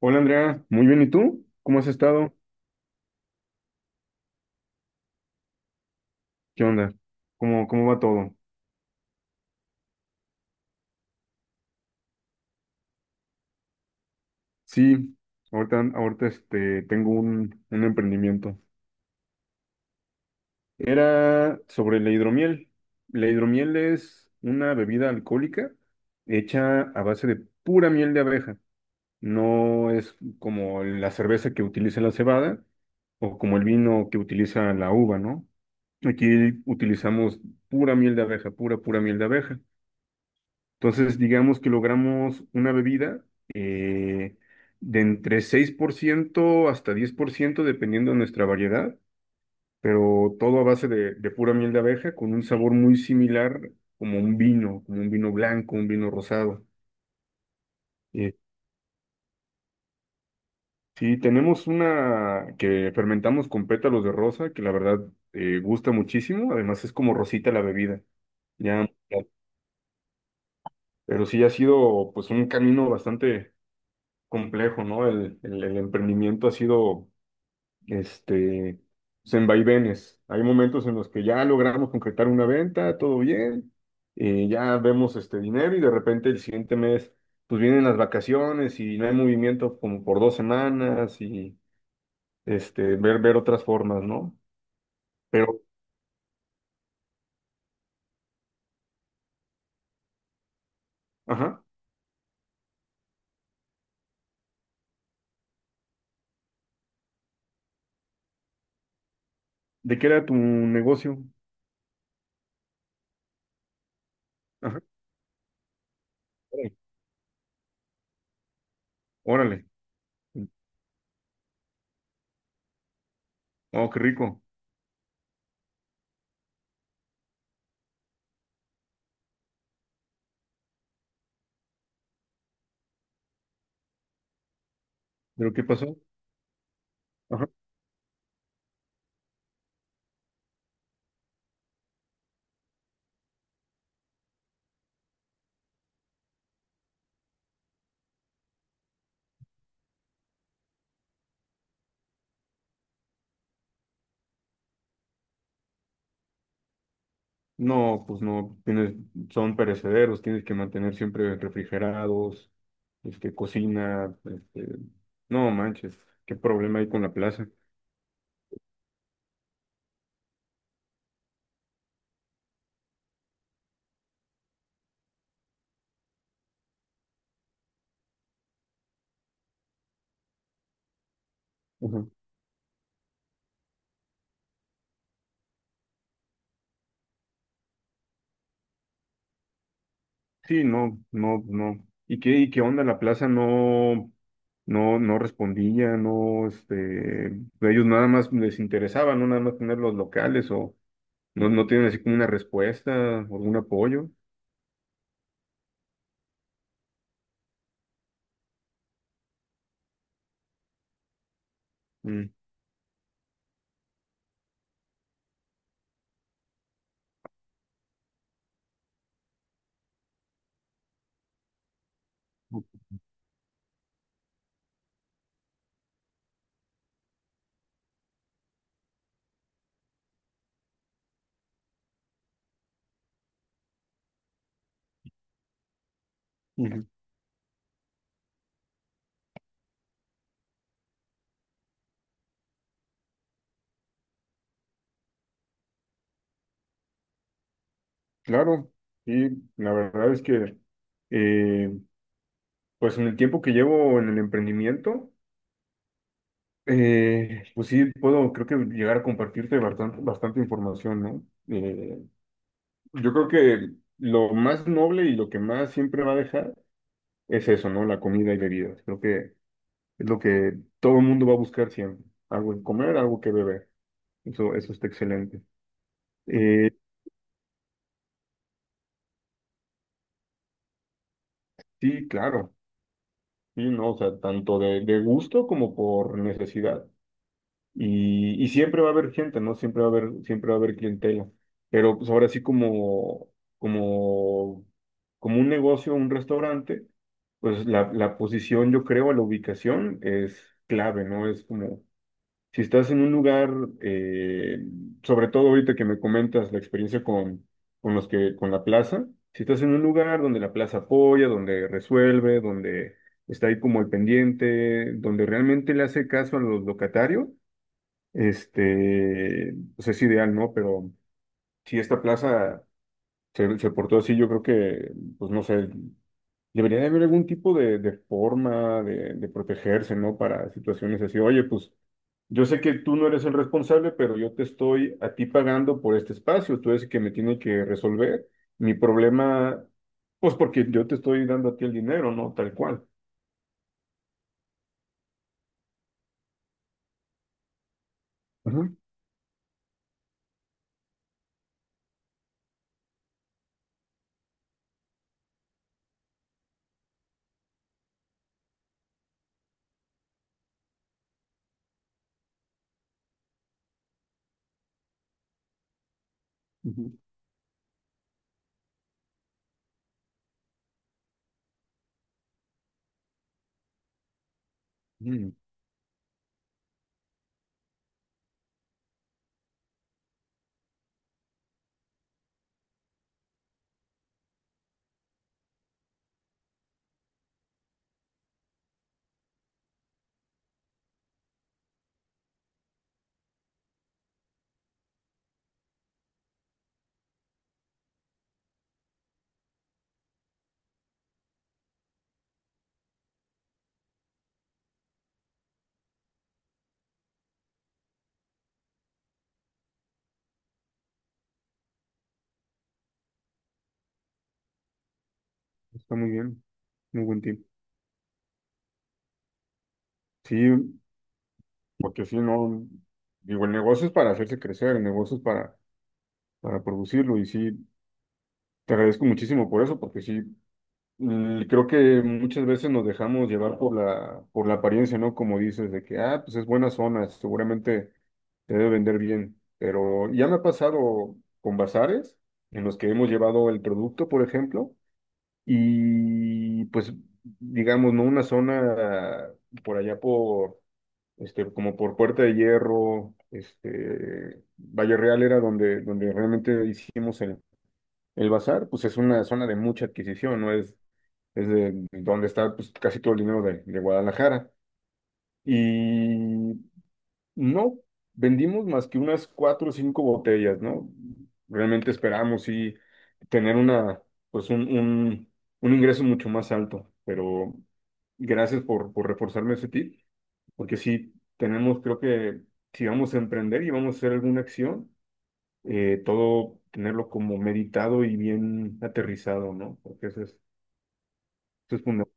Hola Andrea, muy bien, ¿y tú? ¿Cómo has estado? ¿Qué onda? ¿Cómo va todo? Sí, ahorita tengo un emprendimiento. Era sobre la hidromiel. La hidromiel es una bebida alcohólica hecha a base de pura miel de abeja. No es como la cerveza que utiliza la cebada o como el vino que utiliza la uva, ¿no? Aquí utilizamos pura miel de abeja, pura, pura miel de abeja. Entonces, digamos que logramos una bebida eh, de entre 6% hasta 10% dependiendo de nuestra variedad, pero todo a base de pura miel de abeja, con un sabor muy similar como un vino blanco, un vino rosado. Eh, sí, tenemos una que fermentamos con pétalos de rosa, que la verdad gusta muchísimo, además es como rosita la bebida, ya, pero sí ha sido pues un camino bastante complejo, ¿no? El emprendimiento ha sido este, pues, en vaivenes. Hay momentos en los que ya logramos concretar una venta, todo bien, ya vemos este dinero y de repente el siguiente mes, pues vienen las vacaciones y no hay movimiento como por 2 semanas y ver otras formas, ¿no? Pero, ajá, ¿de qué era tu negocio? Ajá, órale, órale. Oh, qué rico. ¿Pero qué pasó? No, pues no, son perecederos, tienes que mantener siempre refrigerados, este, cocina, no manches, qué problema hay con la plaza. Ujú. Sí, no, no, no. ¿Y qué onda? La plaza no, no, no respondía, no, ellos nada más les interesaba, no nada más tener los locales o no, no tienen así como una respuesta, algún apoyo. Mm. Ujú. Claro, sí, la verdad es que eh, Pues en el tiempo que llevo en el emprendimiento, pues sí, puedo, creo que llegar a compartirte bastante, bastante información, ¿no? Eh, yo creo que lo más noble y lo que más siempre va a dejar es eso, ¿no? La comida y bebidas. Creo que es lo que todo el mundo va a buscar siempre. Algo que comer, algo que beber. Eso está excelente. Eh, sí, claro. Sí, no, o sea, tanto de gusto como por necesidad. Y siempre va a haber gente, ¿no? Siempre va a haber, siempre va a haber clientela. Pero pues ahora sí como, como un negocio, un restaurante, pues la posición, yo creo, la ubicación es clave, ¿no? Es como, si estás en un lugar, eh, sobre todo ahorita que me comentas la experiencia con la plaza, si estás en un lugar donde la plaza apoya, donde resuelve, donde está ahí como el pendiente, donde realmente le hace caso a los locatarios, pues es ideal, ¿no? Pero si esta plaza se portó así, yo creo que, pues no sé, debería de haber algún tipo de forma de protegerse, ¿no? Para situaciones así. Oye, pues yo sé que tú no eres el responsable, pero yo te estoy a ti pagando por este espacio. Tú eres el que me tiene que resolver mi problema, pues porque yo te estoy dando a ti el dinero, ¿no? Tal cual. Ajá, ujú. Mm, Está muy bien, muy buen tip. Sí, porque si no, digo, el negocio es para hacerse crecer, el negocio es para producirlo. Y sí, te agradezco muchísimo por eso, porque sí, creo que muchas veces nos dejamos llevar por la apariencia, ¿no? Como dices, de que, ah, pues es buena zona, seguramente te debe vender bien. Pero ya me ha pasado con bazares en los que hemos llevado el producto, por ejemplo, y pues, digamos, ¿no? Una zona por allá por como por Puerta de Hierro, Valle Real era donde realmente hicimos el bazar, pues es una zona de mucha adquisición, ¿no? Es de donde está pues, casi todo el dinero de Guadalajara. Y no vendimos más que unas cuatro o cinco botellas, ¿no? Realmente esperamos sí tener pues un ingreso mucho más alto, pero gracias por reforzarme ese tip, porque sí tenemos, creo que si vamos a emprender y vamos a hacer alguna acción, todo tenerlo como meditado y bien aterrizado, ¿no? Porque eso es fundamental.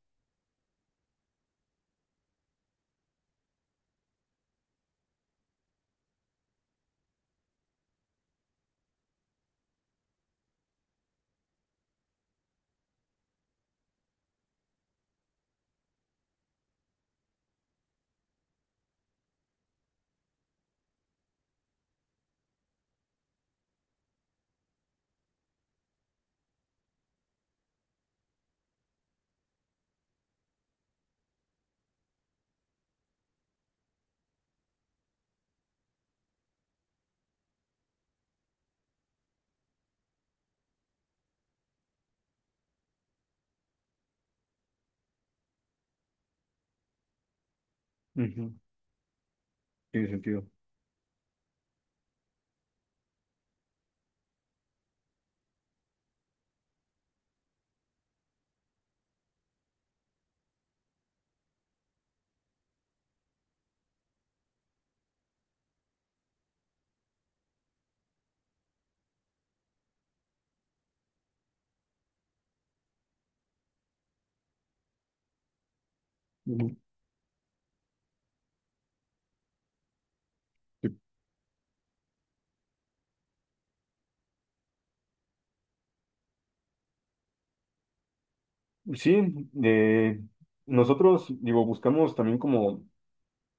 Ujú, tiene sentido. Ujú. Sí, eh, nosotros, digo, buscamos también como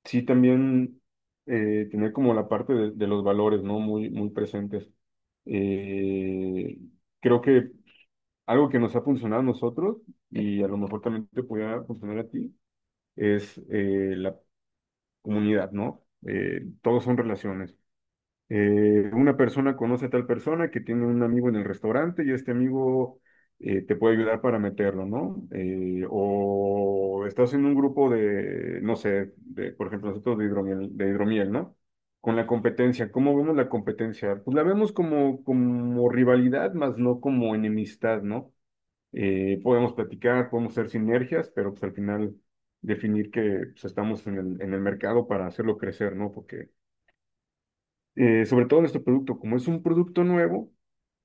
sí también tener como la parte de los valores, ¿no? Muy, muy presentes. Eh, Creo que algo que nos ha funcionado a nosotros y a lo mejor también te pudiera funcionar a ti es la comunidad, ¿no? Todos son relaciones. Una persona conoce a tal persona que tiene un amigo en el restaurante y este amigo te puede ayudar para meterlo, ¿no? O estás en un grupo de, no sé, de, por ejemplo, nosotros de hidromiel, ¿no? Con la competencia, ¿cómo vemos la competencia? Pues la vemos como rivalidad, más no como enemistad, ¿no? Podemos platicar, podemos hacer sinergias, pero pues al final definir que pues, estamos en el mercado para hacerlo crecer, ¿no? Porque sobre todo nuestro producto, como es un producto nuevo,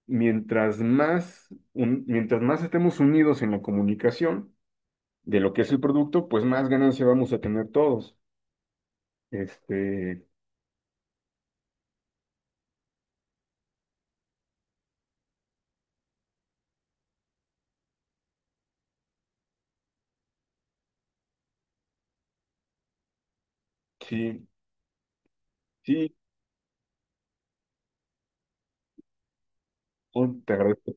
mientras más, mientras más estemos unidos en la comunicación de lo que es el producto, pues más ganancia vamos a tener todos. Este, sí, sí, oh, te agradezco.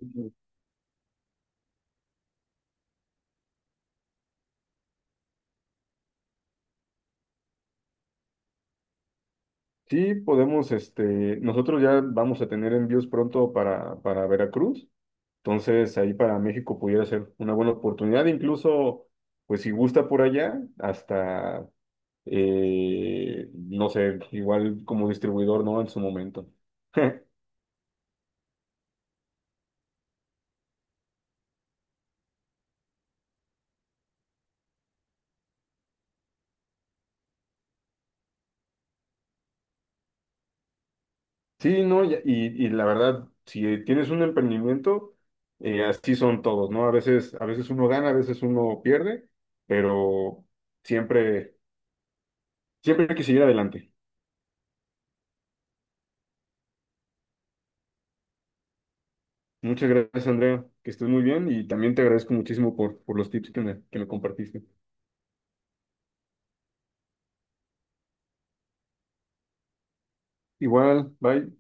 Sí, podemos, nosotros ya vamos a tener envíos pronto para Veracruz, entonces ahí para México pudiera ser una buena oportunidad, incluso, pues si gusta por allá, hasta no sé, igual como distribuidor, ¿no? En su momento. Sí, no, y la verdad, si tienes un emprendimiento, así son todos, ¿no? A veces uno gana, a veces uno pierde, pero siempre, siempre hay que seguir adelante. Muchas gracias, Andrea, que estés muy bien y también te agradezco muchísimo por los tips que me compartiste. Igual, bye.